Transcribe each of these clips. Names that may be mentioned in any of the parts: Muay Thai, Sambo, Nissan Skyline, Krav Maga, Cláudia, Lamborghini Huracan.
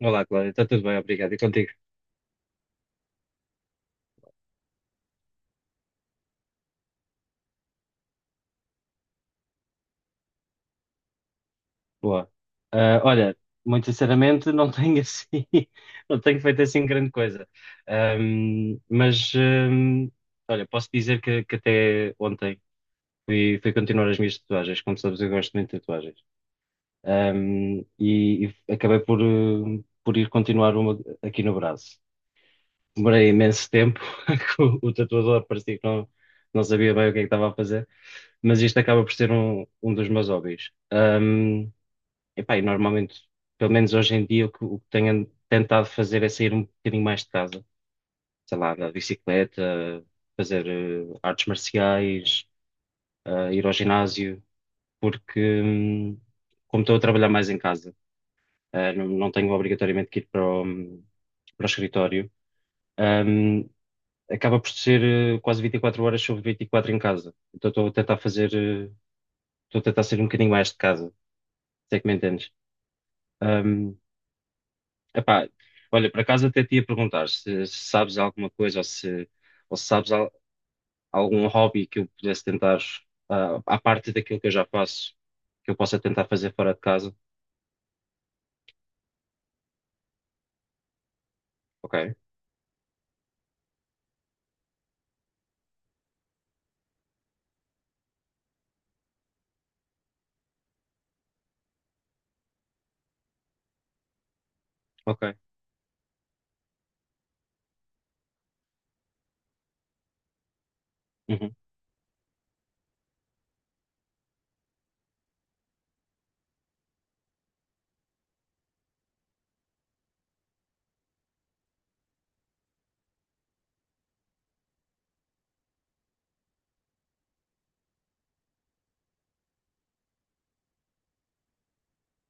Olá, Cláudia, está tudo bem, obrigado. E contigo? Boa. Ah, olha, muito sinceramente, não tenho assim, não tenho feito assim grande coisa. Ahm, mas, ahm, Olha, posso dizer que até ontem fui continuar as minhas tatuagens. Como sabes, eu gosto muito de tatuagens. E acabei por ir continuar uma aqui no braço. Demorei imenso tempo, que o tatuador parecia que não, não sabia bem o que é que estava a fazer, mas isto acaba por ser um dos meus hobbies. Epá, e normalmente, pelo menos hoje em dia, o que tenho tentado fazer é sair um bocadinho mais de casa. Sei lá, da bicicleta, fazer artes marciais, ir ao ginásio, porque como estou a trabalhar mais em casa, não, não tenho obrigatoriamente que ir para o escritório, hum, acaba por ser quase 24 horas sobre 24 em casa. Então estou a tentar sair um bocadinho mais de casa, se é que me entendes. Hum, Epá, olha, por acaso até te ia perguntar se sabes alguma coisa ou se sabes algum hobby que eu pudesse tentar, à parte daquilo que eu já faço, que eu possa tentar fazer fora de casa. Ok, ok. Uhum.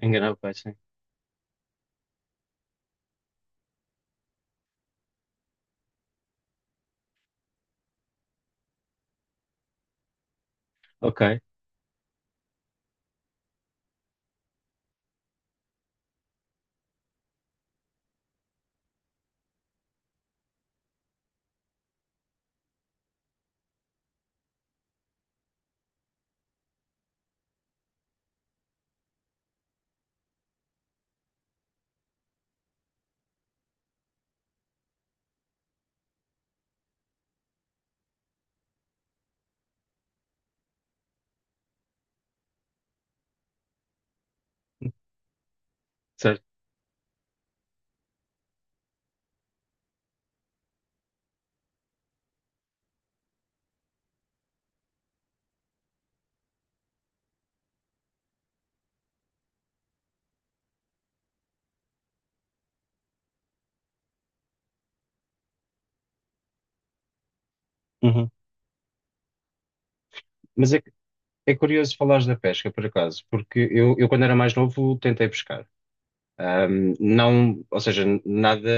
Enganar o pai, sim. Ok, certo. Uhum. Mas é curioso falares da pesca, por acaso, porque eu quando era mais novo tentei pescar. Não, ou seja, nada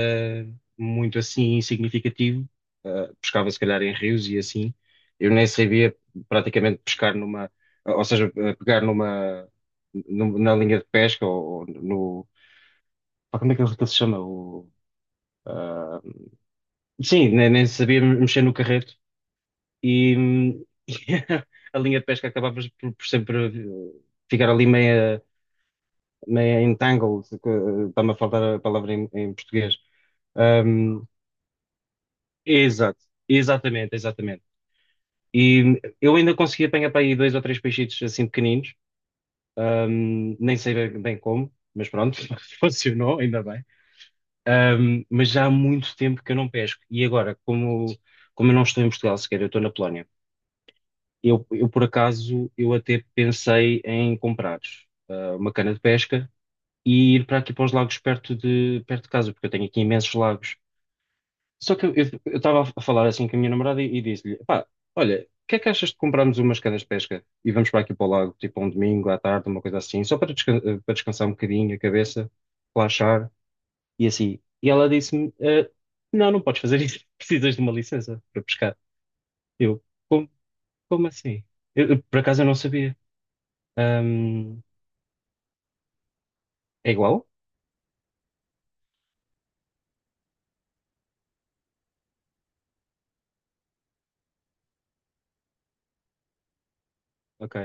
muito assim significativo. Pescava se calhar em rios e assim. Eu nem sabia praticamente pescar numa, ou seja, pegar numa, na linha de pesca ou no, pá, como é que ele se chama? Uh, sim, nem sabia mexer no carreto e, e a linha de pesca acabava por sempre ficar ali meia entangled, que, está-me a faltar a palavra em em português. Um, Exato, exatamente, exatamente. E eu ainda consegui apanhar para aí dois ou três peixitos assim pequeninos, nem sei bem bem como, mas pronto, funcionou, ainda bem. Mas já há muito tempo que eu não pesco. E agora, como eu não estou em Portugal sequer, eu estou na Polónia. Eu por acaso, eu até pensei em comprar uma cana de pesca e ir para aqui para os lagos perto de casa, porque eu tenho aqui imensos lagos. Só que eu estava a falar assim com a minha namorada e disse-lhe: pá, olha, o que é que achas de comprarmos umas canas de pesca e vamos para aqui para o lago, tipo um domingo à tarde, uma coisa assim, só para, para descansar um bocadinho a cabeça, relaxar e assim. E ela disse-me: "Eh, não, não podes fazer isso, precisas de uma licença para pescar." Eu, como, como assim? Eu, por acaso eu não sabia. Hum, É igual? Ok,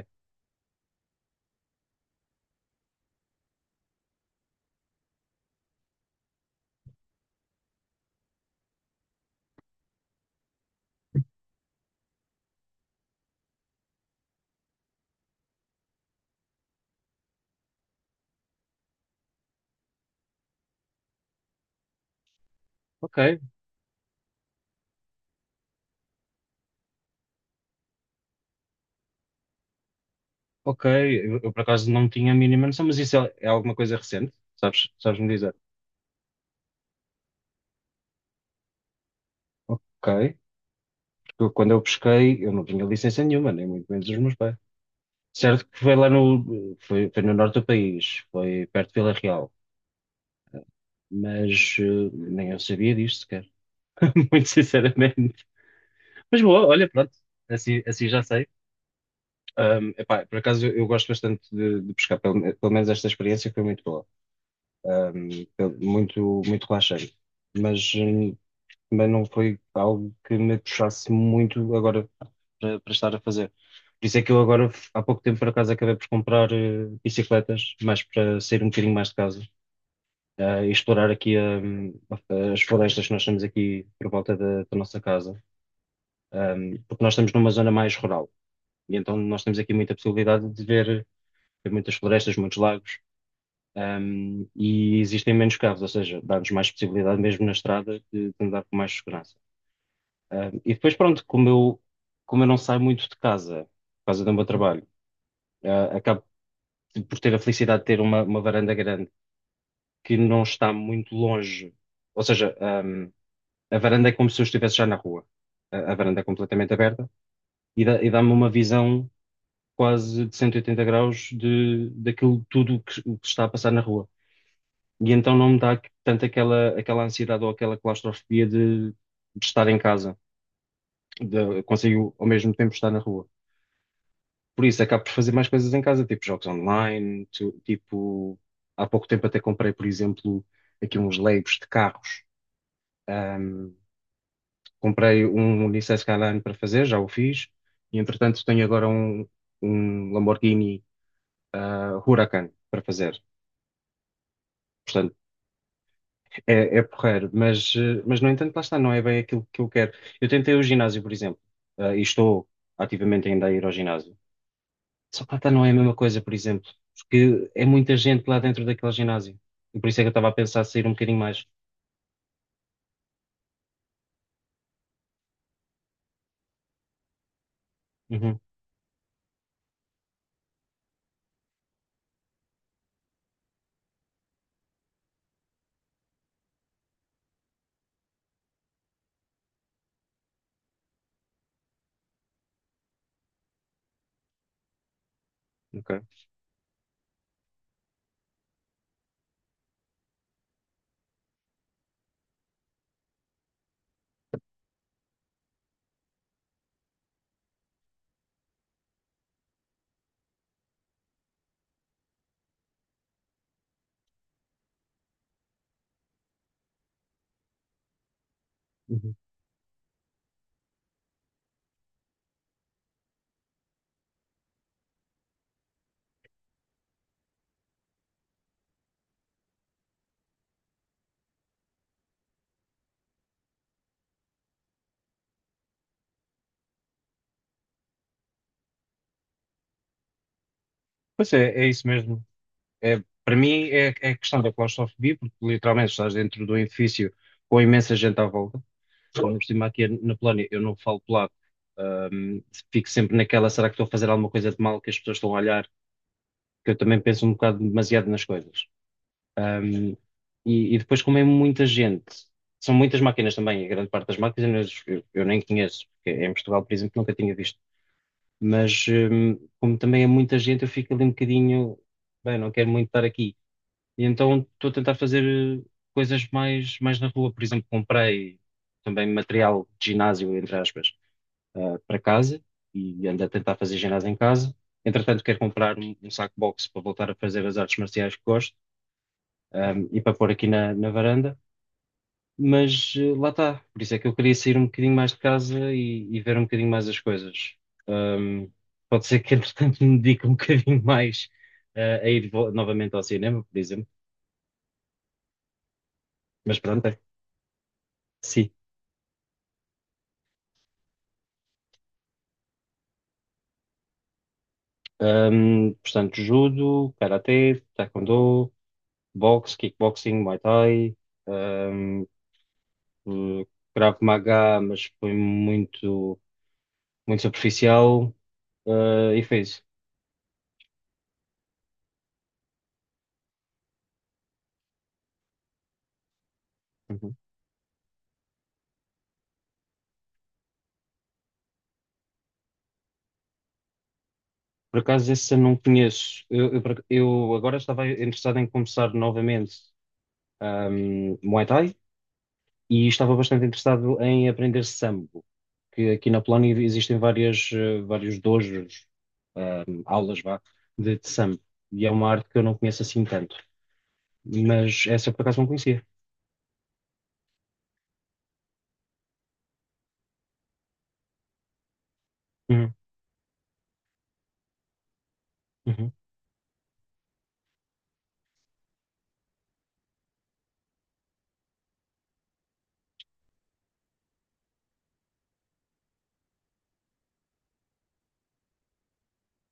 ok, ok. Eu, por acaso não tinha a mínima noção, mas isso é alguma coisa recente, sabes me dizer? Ok. Quando eu pesquei, eu não tinha licença nenhuma, nem muito menos os meus pais. Certo que foi lá foi no norte do país, foi perto de Vila Real, mas nem eu sabia disto sequer, muito sinceramente. Mas boa, olha, pronto, assim já sei. Epá, por acaso eu gosto bastante de pescar, pelo menos esta experiência foi muito boa. Muito, muito relaxante. Mas também não foi algo que me puxasse muito agora para estar a fazer. Por isso é que eu agora, há pouco tempo, por acaso, acabei por comprar bicicletas, mais para sair um bocadinho mais de casa e explorar aqui as florestas que nós temos aqui por volta da nossa casa. Porque nós estamos numa zona mais rural e então nós temos aqui muita possibilidade de ver muitas florestas, muitos lagos. E existem menos carros, ou seja, dá-nos mais possibilidade mesmo na estrada de andar com mais segurança. E depois, pronto, como eu não saio muito de casa, por causa do meu trabalho, acaba por ter a felicidade de ter uma varanda grande que não está muito longe. Ou seja, a varanda é como se eu estivesse já na rua. A varanda é completamente aberta e dá-me uma visão quase de 180 graus daquilo tudo o que está a passar na rua. E então não me dá tanto aquela ansiedade ou aquela claustrofobia de estar em casa. Consigo ao mesmo tempo estar na rua. Por isso, acabo por fazer mais coisas em casa, tipo jogos online, tipo, há pouco tempo até comprei, por exemplo, aqui uns Legos de carros. Ahm, Comprei um Nissan Skyline para fazer, já o fiz, e entretanto tenho agora um Lamborghini Huracan para fazer. Portanto, é porreiro, mas no entanto, lá está, não é bem aquilo que eu quero. Eu tentei o ginásio, por exemplo, e estou ativamente ainda a ir ao ginásio. Socata não é a mesma coisa, por exemplo, porque é muita gente lá dentro daquele ginásio. E por isso é que eu estava a pensar sair um bocadinho mais. Uhum, ok. Uhum. Pois é isso mesmo. É, para mim é a questão da claustrofobia, porque literalmente estás dentro do edifício com imensa gente à volta. Ainda por cima aqui na Polónia, eu não falo polaco. Ahm, Fico sempre naquela, será que estou a fazer alguma coisa de mal que as pessoas estão a olhar? Que eu também penso um bocado demasiado nas coisas. Um, e e depois, como é muita gente, são muitas máquinas também, a grande parte das máquinas eu nem conheço, porque é em Portugal, por exemplo, nunca tinha visto. Mas como também é muita gente, eu fico ali um bocadinho, bem, não quero muito estar aqui. E então estou a tentar fazer coisas mais na rua. Por exemplo, comprei também material de ginásio, entre aspas, para casa e ando a tentar fazer ginásio em casa. Entretanto, quero comprar um saco boxe para voltar a fazer as artes marciais que gosto, e para pôr aqui na varanda, mas lá está. Por isso é que eu queria sair um bocadinho mais de casa e ver um bocadinho mais as coisas. Um, Pode ser que, entretanto, me dedique um bocadinho mais a ir novamente ao cinema, por exemplo, mas pronto, é. Sim. Portanto, judo, karatê, taekwondo, boxe, kickboxing, muay thai, um, eh, Krav Maga, mas foi muito, muito superficial, e foi isso. Uhum. Por acaso esse eu não conheço. Eu agora estava interessado em começar novamente Muay Thai e estava bastante interessado em aprender Sambo, que aqui na Polónia existem vários dojos, aulas vá, de Sambo. E é uma arte que eu não conheço assim tanto. Mas essa eu por acaso não conhecia. Uhum, uhum,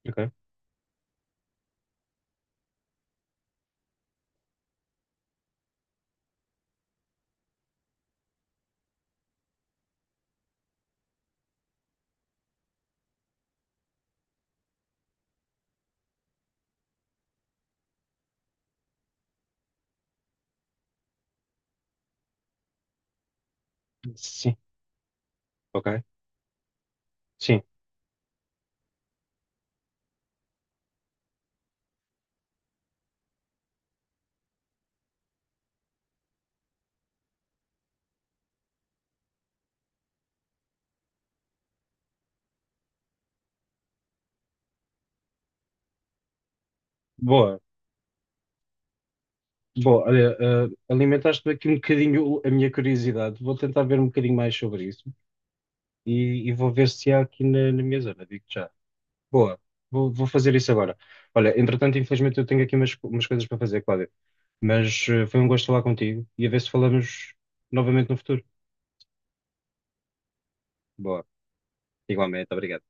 ok. Sim, ok. Sim. Boa. Boa, olha, alimentaste-me aqui um bocadinho a minha curiosidade. Vou tentar ver um bocadinho mais sobre isso. E vou ver se há aqui na minha zona, digo-te já. Boa, vou fazer isso agora. Olha, entretanto, infelizmente eu tenho aqui umas coisas para fazer, Cláudio, mas foi um gosto falar contigo e a ver se falamos novamente no futuro. Boa, igualmente, obrigado.